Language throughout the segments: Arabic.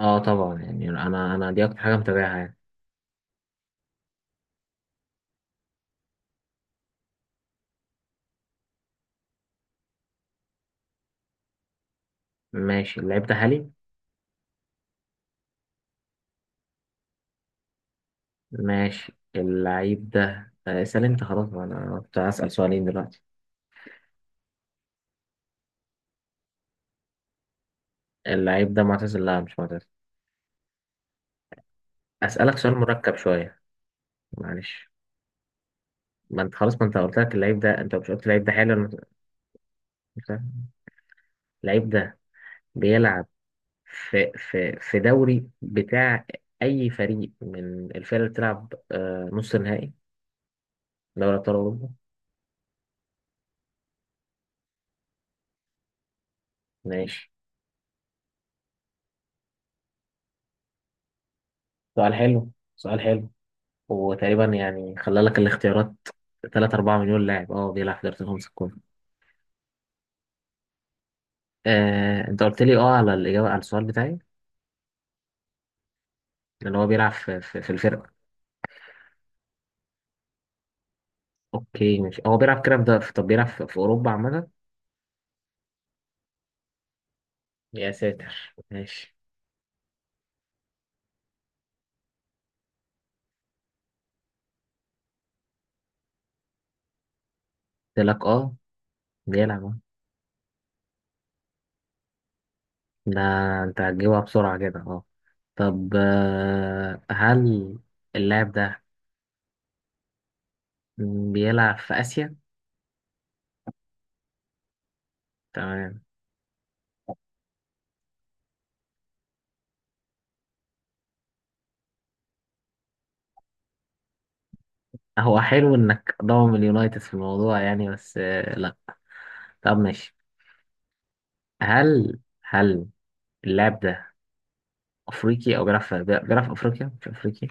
اه طبعا، يعني انا دي اكتر حاجه متابعها يعني. ماشي، اللعيب ده حالي. ماشي، اللعيب ده اسال انت خلاص، ما انا كنت هسال سؤالين دلوقتي. اللعيب ده معتزل؟ لا، مش معتزل. اسالك سؤال مركب شويه، معلش. ما انت خلاص، ما انت قلت لك اللعيب ده، انت مش قلت اللعيب ده حالي ولا مت- اللعيب ده بيلعب في دوري بتاع اي فريق من الفرق اللي بتلعب نص نهائي دوري ابطال اوروبا؟ ماشي. سؤال حلو، سؤال حلو. وتقريبا يعني خلى لك الاختيارات 3 4 مليون لاعب اه بيلعب في دوري الخمسة الكبرى. آه، انت قلت لي اه على الاجابه على السؤال بتاعي، اللي هو بيلعب في الفرقه. اوكي ماشي، هو بيلعب كده في ده. طب بيلعب في اوروبا عامه؟ يا ساتر، ماشي. قلت لك اه بيلعب اه. ده انت هتجيبها بسرعه كده، اه. طب آه، هل اللاعب ده بيلعب في اسيا؟ تمام. هو حلو انك ضامن اليونايتد في الموضوع يعني، بس آه لا. طب ماشي. هل اللاعب ده افريقي او بيلعب في، بيلعب في افريقيا مش افريقي؟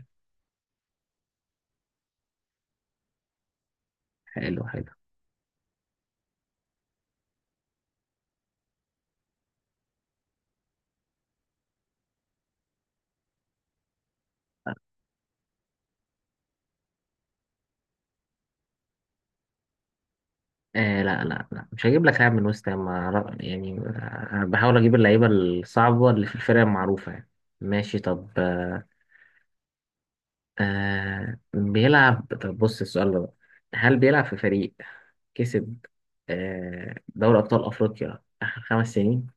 حلو حلو. آه لا لا لا، مش هجيب لك لاعب من وست هام، أنا- يعني أنا بحاول اجيب اللعيبه الصعبه اللي في الفرق المعروفه يعني. ماشي طب آه، آه، بيلعب. طب بص السؤال ده بقى. هل بيلعب في فريق كسب آه دوري ابطال افريقيا اخر خمس سنين؟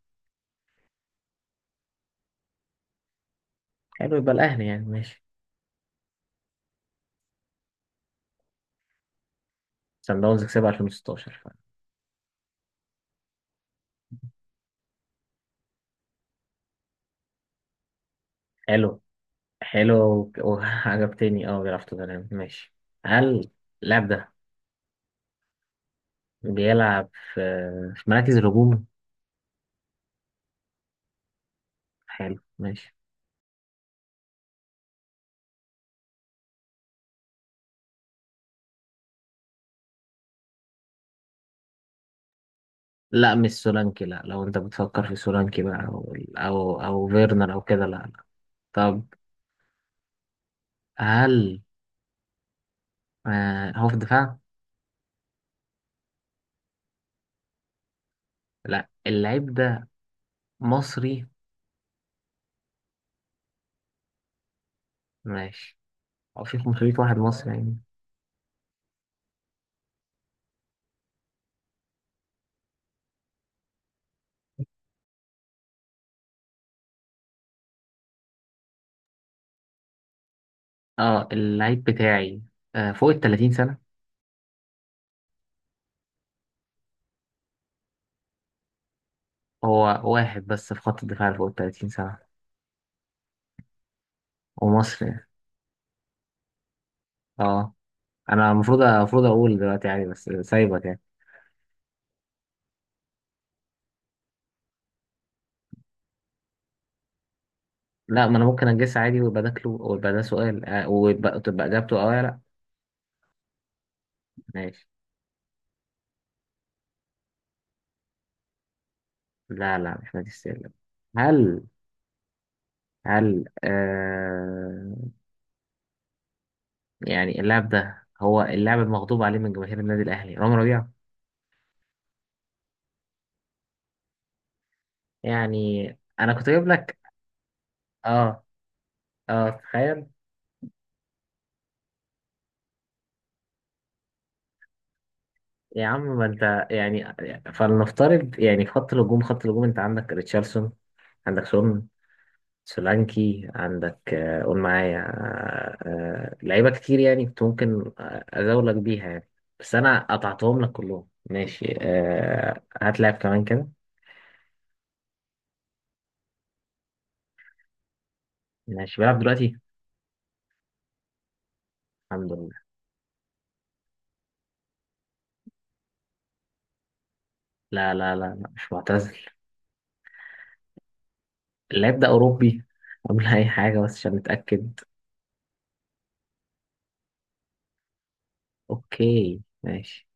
حلو، يبقى الاهلي يعني، ماشي. سان داونز كسبها 2016. حلو حلو، وعجبتني اه، بيلعب في توتنهام، ماشي. هل اللاعب ده بيلعب في في مراكز الهجوم؟ حلو ماشي. لا مش سولانكي، لا لو انت بتفكر في سولانكي بقى أو فيرنر او كده، لا لا. طب هل آه هو في الدفاع؟ لا، اللعيب ده مصري. ماشي. هو في 500 واحد مصري يعني. اه اللعيب بتاعي آه فوق ال 30 سنة. هو واحد بس في خط الدفاع اللي فوق ال 30 سنة ومصري، اه. انا المفروض اقول دلوقتي عادي، بس سايبك يعني. لا ما انا ممكن اجس عادي ويبقى ده كلو، ويبقى ده سؤال ويبقى تبقى اجابته اه يا لا. ماشي. لا لا، مش مادي السير. هل هل آه، يعني اللاعب ده هو اللاعب المغضوب عليه من جماهير النادي الاهلي، رامي ربيعه يعني. انا كنت جايب لك، اه اه، تخيل. يا عم ما انت يعني، فلنفترض يعني، في خط الهجوم، خط الهجوم انت عندك ريتشارلسون، عندك سون، سولانكي، عندك قول معايا، لعيبة كتير يعني كنت ممكن أزاولك بيها يعني، بس أنا قطعتهم لك كلهم. ماشي هات لاعب كمان كده. ماشي، بيلعب دلوقتي، الحمد لله. لا لا لا لا، مش معتزل. اللاعب ده أوروبي؟ قبل أي حاجة، بس عشان نتأكد. أوكي ماشي.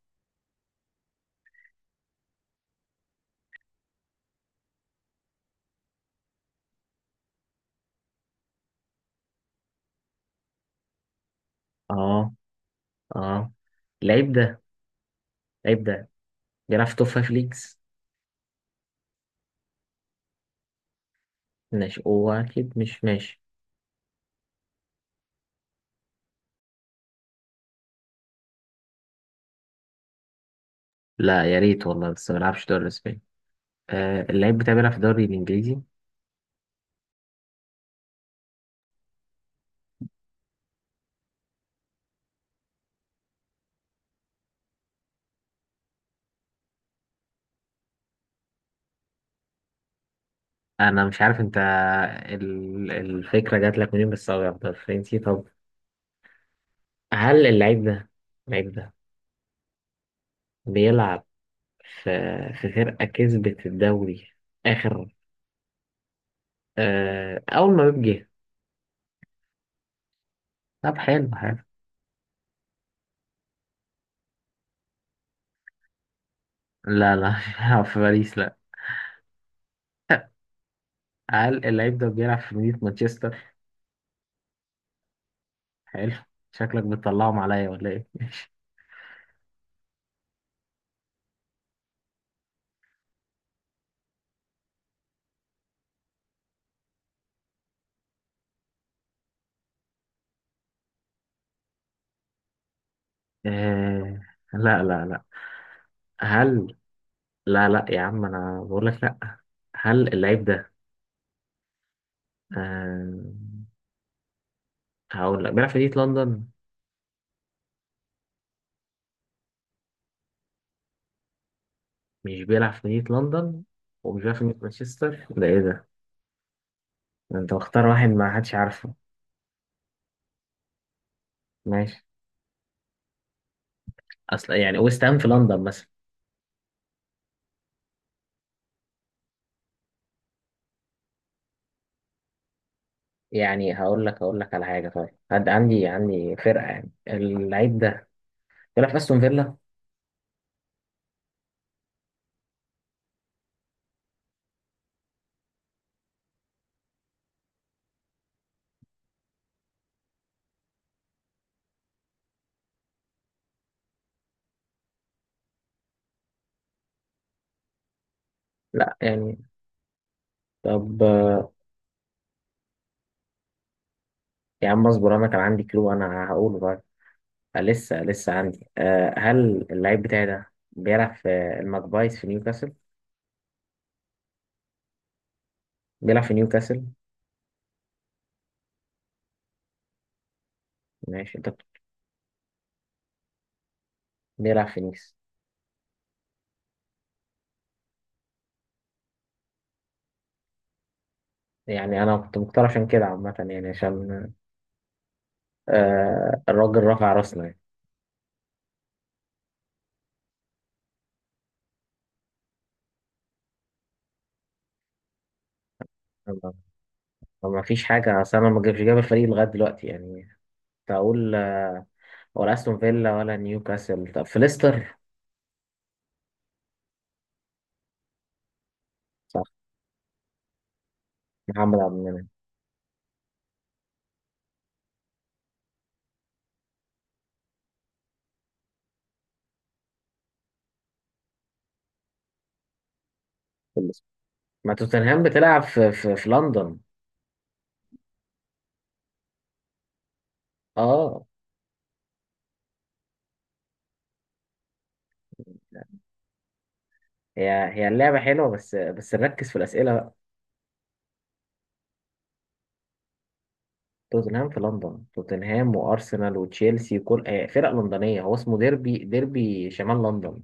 أه أه، اللعيب ده، اللعيب ده بيلعب في توب فايف ليجز. ماشي، هو أكيد مش ماشي. لا يا ريت والله، بس ما بيلعبش دوري الإسباني. آه، اللعيب بتاعي بيلعب في الدوري الإنجليزي. انا مش عارف انت الفكره جات لك منين، بس ابيض فرنسي. طب هل اللعيب ده، اللعيب ده بيلعب في في فرقه كسبت الدوري اخر آه اول ما بيجي؟ طب حلو حلو. لا لا، مش بيلعب في باريس، لا. هل اللعيب ده بيلعب في مدينه مانشستر؟ حلو. شكلك بتطلعهم عليا ولا ايه؟ آه لا لا لا، هل، لا لا، يا عم انا بقول لك لا. هل اللعيب ده آه، هقول لك بيلعب في مدينه لندن؟ مش بيلعب في مدينة لندن، ومش بيلعب في مدينة مانشستر، ده ايه ده؟ ده انت مختار واحد ما حدش عارفه. ماشي، اصل يعني ويست هام في لندن مثلا. يعني هقول لك على حاجة طيب، عندي، عندي فرقة يعني. اللعيب ده بيلعب في استون فيلا؟ لا يعني، طب يا عم اصبر، انا كان عندي كلو انا هقوله بقى. لسه لسه عندي. أه هل اللعيب بتاعي ده بيلعب في الماكبايز في نيوكاسل؟ بيلعب في نيوكاسل؟ ماشي، بيلعب في نيس. يعني انا كنت مختار عشان كده عامة، يعني عشان آه الراجل رفع راسنا يعني. ما ما فيش حاجة، أصل أنا ما جابش جاب الفريق لغاية دلوقتي يعني. كنت أقول ولا أستون فيلا ولا نيوكاسل، طب في ليستر؟ صح، محمد عبد المنعم، في ليستر. ما توتنهام بتلعب في لندن. أه، هي اللعبة حلوة، بس نركز في الأسئلة بقى. توتنهام في لندن، توتنهام وأرسنال وتشيلسي وكل فرق لندنية، هو اسمه ديربي، ديربي شمال لندن.